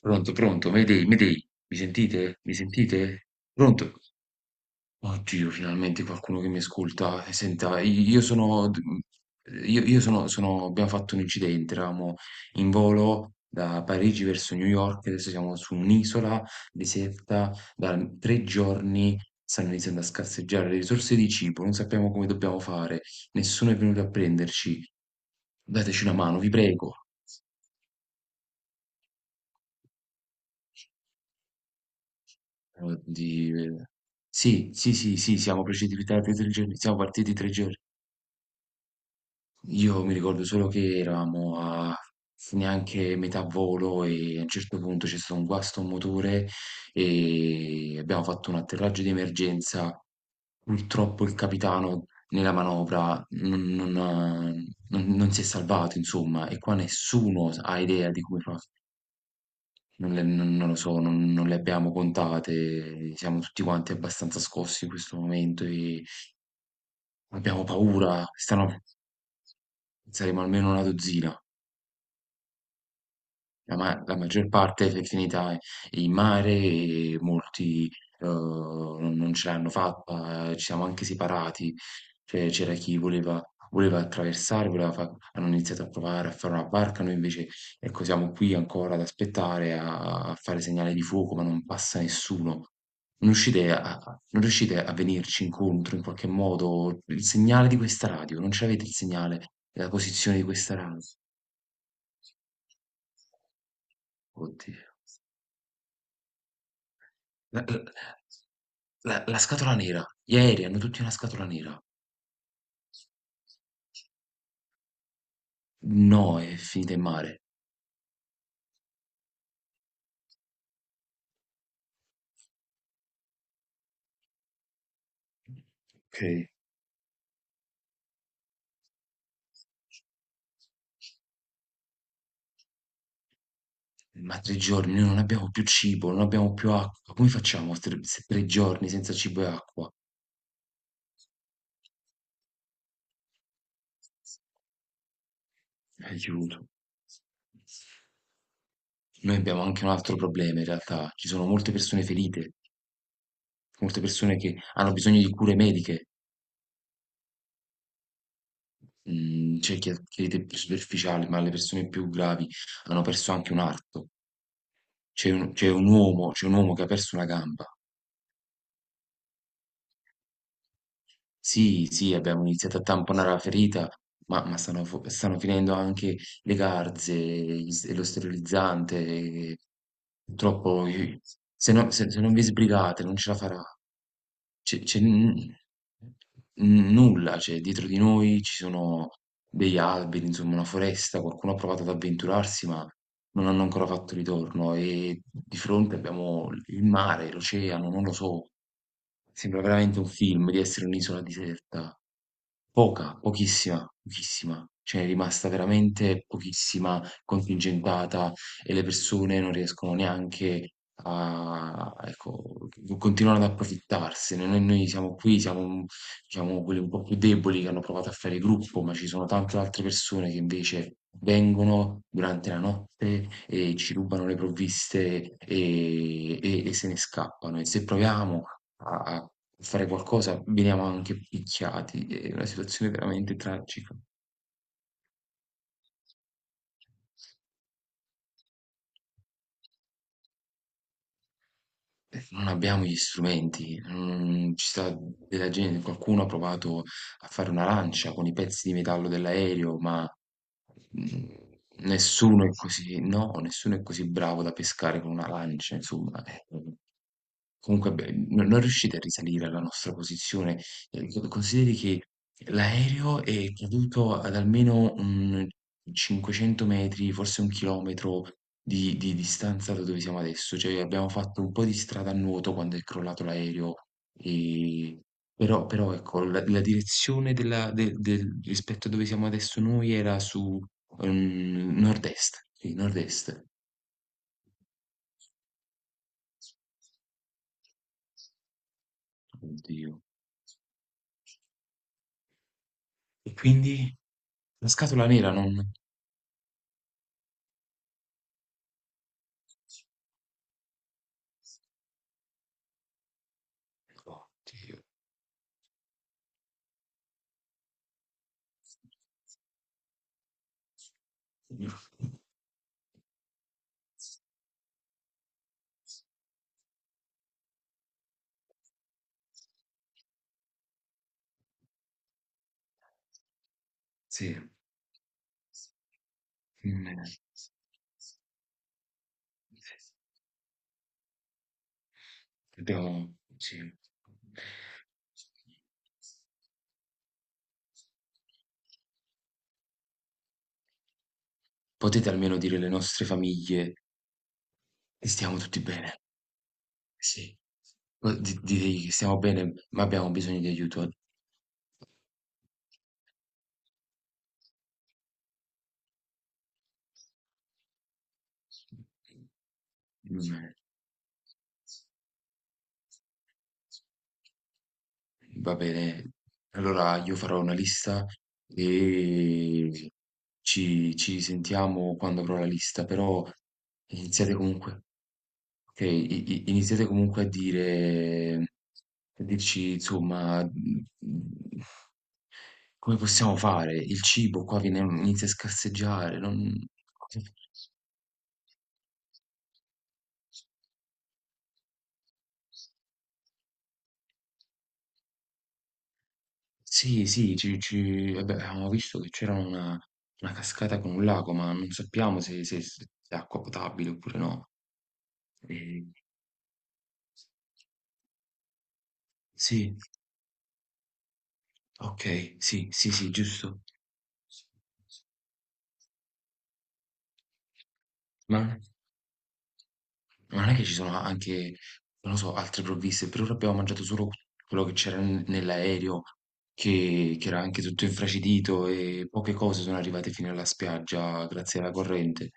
Pronto, pronto, Mayday, Mayday, mi sentite? Mi sentite? Pronto? Oddio, finalmente qualcuno che mi ascolta. Senta, io sono... Io sono, sono... Abbiamo fatto un incidente, eravamo in volo da Parigi verso New York, adesso siamo su un'isola deserta, da 3 giorni stanno iniziando a scarseggiare le risorse di cibo, non sappiamo come dobbiamo fare, nessuno è venuto a prenderci. Dateci una mano, vi prego. Di sì, sì, sì, sì, siamo precipitati 3 giorni, siamo partiti 3 giorni. Io mi ricordo solo che eravamo a neanche metà volo e a un certo punto c'è stato un guasto a un motore e abbiamo fatto un atterraggio di emergenza. Purtroppo il capitano nella manovra non ha- non si è salvato, insomma, e qua nessuno s ha idea di come fa non, non lo so, non le abbiamo contate, siamo tutti quanti abbastanza scossi in questo momento e abbiamo paura, stanno, saremo almeno una dozzina. La maggior parte si è finita in mare e molti, non ce l'hanno fatta, ci siamo anche separati. Cioè, c'era chi voleva attraversare, voleva fa, hanno iniziato a provare a fare una barca, noi invece, ecco, siamo qui ancora ad aspettare, a fare segnale di fuoco, ma non passa nessuno. Non riuscite a non riuscite a venirci incontro in qualche modo? Il segnale di questa radio, non ce l'avete il segnale, la posizione di questa radio? Oddio. La la la scatola nera. Gli aerei hanno tutti una scatola nera. No, è finita in mare. Ok. Ma tre giorni, noi non abbiamo più cibo, non abbiamo più acqua. Come facciamo a tre, se 3 giorni senza cibo e acqua? Aiuto. Noi abbiamo anche un altro problema in realtà. Ci sono molte persone ferite, molte persone che hanno bisogno di cure mediche. Mhmm, C'è chi ha crede più superficiali, ma le persone più gravi hanno perso anche un arto. C'è un uomo che ha perso una gamba. Sì, sì, abbiamo iniziato a tamponare la ferita, ma stanno finendo anche le garze, gli s lo sterilizzante, purtroppo i, se no se non vi sbrigate non ce la farà. C'è c'è n n Nulla, cioè dietro di noi ci sono degli alberi, insomma una foresta, qualcuno ha provato ad avventurarsi, ma non hanno ancora fatto ritorno e di fronte abbiamo il mare, l'oceano, non lo so. Sembra veramente un film di essere un'isola deserta. Poca, pochissima, pochissima. Ce n'è rimasta veramente pochissima, contingentata, e le persone non riescono neanche a, ecco, co continuano ad approfittarsene. Noi siamo qui, siamo, diciamo quelli un po' più deboli che hanno provato a fare gruppo, ma ci sono tante altre persone che invece vengono durante la notte e ci rubano le provviste, e se ne scappano. E se proviamo a fare qualcosa veniamo anche picchiati. È una situazione veramente tragica. Perché non abbiamo gli strumenti, non ci sta della gente, qualcuno ha provato a fare una lancia con i pezzi di metallo dell'aereo, ma mm, nessuno è così, no, nessuno è così bravo da pescare con una lancia, insomma. Comunque, beh, non riuscite a risalire alla nostra posizione? Co Consideri che l'aereo è caduto ad almeno, 500 metri, forse 1 chilometro di distanza da dove siamo adesso, cioè abbiamo fatto un po' di strada a nuoto quando è crollato l'aereo, ehm, però ecco la direzione del rispetto a dove siamo adesso noi era su, nord-est, sì, nord-est. Oddio. E quindi? La scatola nera non... Oddio. Sì, mh. Abbiamo sì. Potete almeno dire alle nostre famiglie che stiamo tutti bene. Sì. Direi che stiamo bene, ma abbiamo bisogno di aiuto. Mm. Va bene, allora io farò una lista e ci, ci sentiamo quando avrò la lista, però iniziate comunque, ok, iniziate comunque a dire, a dirci insomma, come possiamo fare, il cibo qua viene, inizia a scarseggiare, non... Sì, sì, ci, ci- vabbè, avevamo visto che c'era una cascata con un lago, ma non sappiamo se, se è acqua potabile oppure no. E- sì, ok, sì, sì, sì, giusto. Ma non è che ci sono anche, non lo so, altre provviste, per ora abbiamo mangiato solo quello che c'era nell'aereo, che era anche tutto infracidito e poche cose sono arrivate fino alla spiaggia grazie alla corrente.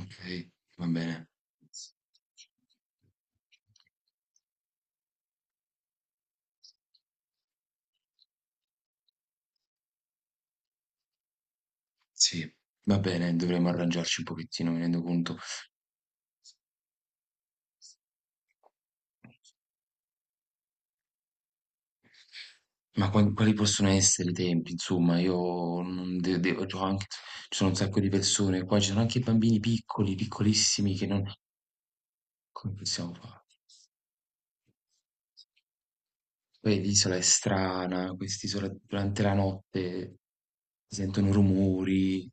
Okay, va bene. Sì, va bene, dovremmo arrangiarci un pochettino, mi rendo conto. Ma quan quali possono essere i tempi? Insomma, io non de devo, c'ho anche, ci sono un sacco di persone qua, ci sono anche bambini piccoli, piccolissimi, che non come possiamo fa, poi l'isola è strana, quest'isola durante la notte si sentono rumori.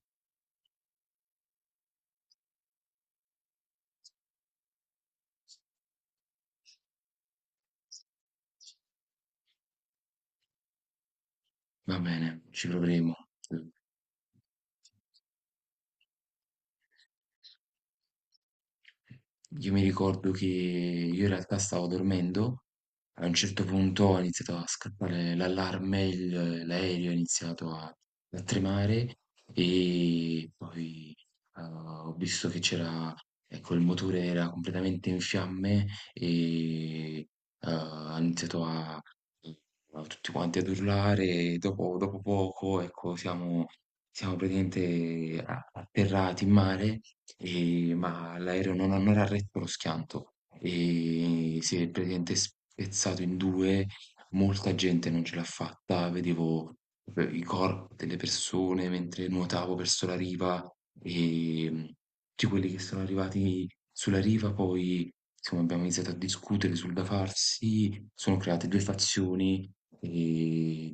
Va bene, ci proveremo. Mh. Io mi ricordo che io in realtà stavo dormendo, a un certo punto è iniziato a scattare l'allarme, l'aereo è iniziato a, a tremare e poi ho visto che c'era, ecco, il motore era completamente in fiamme e ha iniziato a, a tutti quanti ad urlare e dopo, dopo poco, ecco, siamo, siamo praticamente atterrati in mare ma l'aereo non, non era retto lo schianto e si è praticamente spezzato in due, molta gente non ce l'ha fatta, vedevo proprio i corpi delle persone mentre nuotavo verso la riva e tutti quelli che sono arrivati sulla riva poi insomma, abbiamo iniziato a discutere sul da farsi, sono create due fazioni e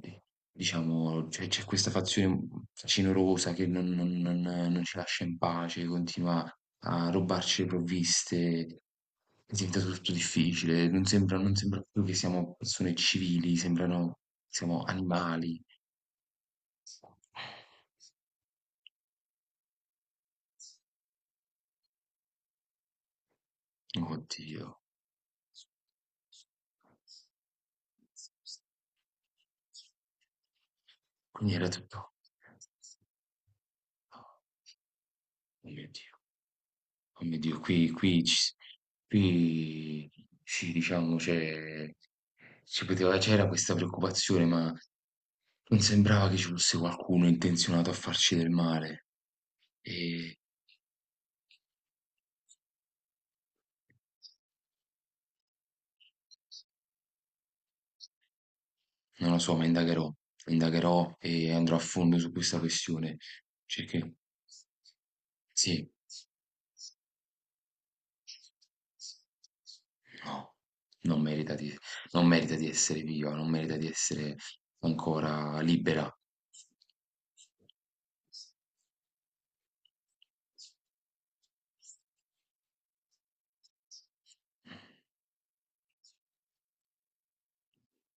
diciamo, c'è questa fazione cinorosa che non ci lascia in pace, continua a rubarci le provviste, diventa tutto difficile, non sembra, non sembra più che siamo persone civili, sembrano siamo animali. Oddio. Quindi era tutto oh mio Dio. Oh mio Dio, qui qui ci s qui sì, diciamo, cioè, ci poteva c'era questa preoccupazione, ma non sembrava che ci fosse qualcuno intenzionato a farci del male. E non lo so, ma indagherò, indagherò e andrò a fondo su questa questione. Cerche sì. No, non merita di, non merita di essere viva, non merita di essere ancora libera.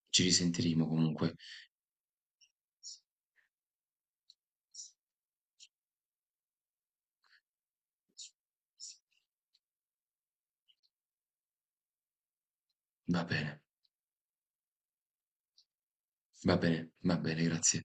Ci risentiremo comunque. Va bene, va bene, va bene, grazie.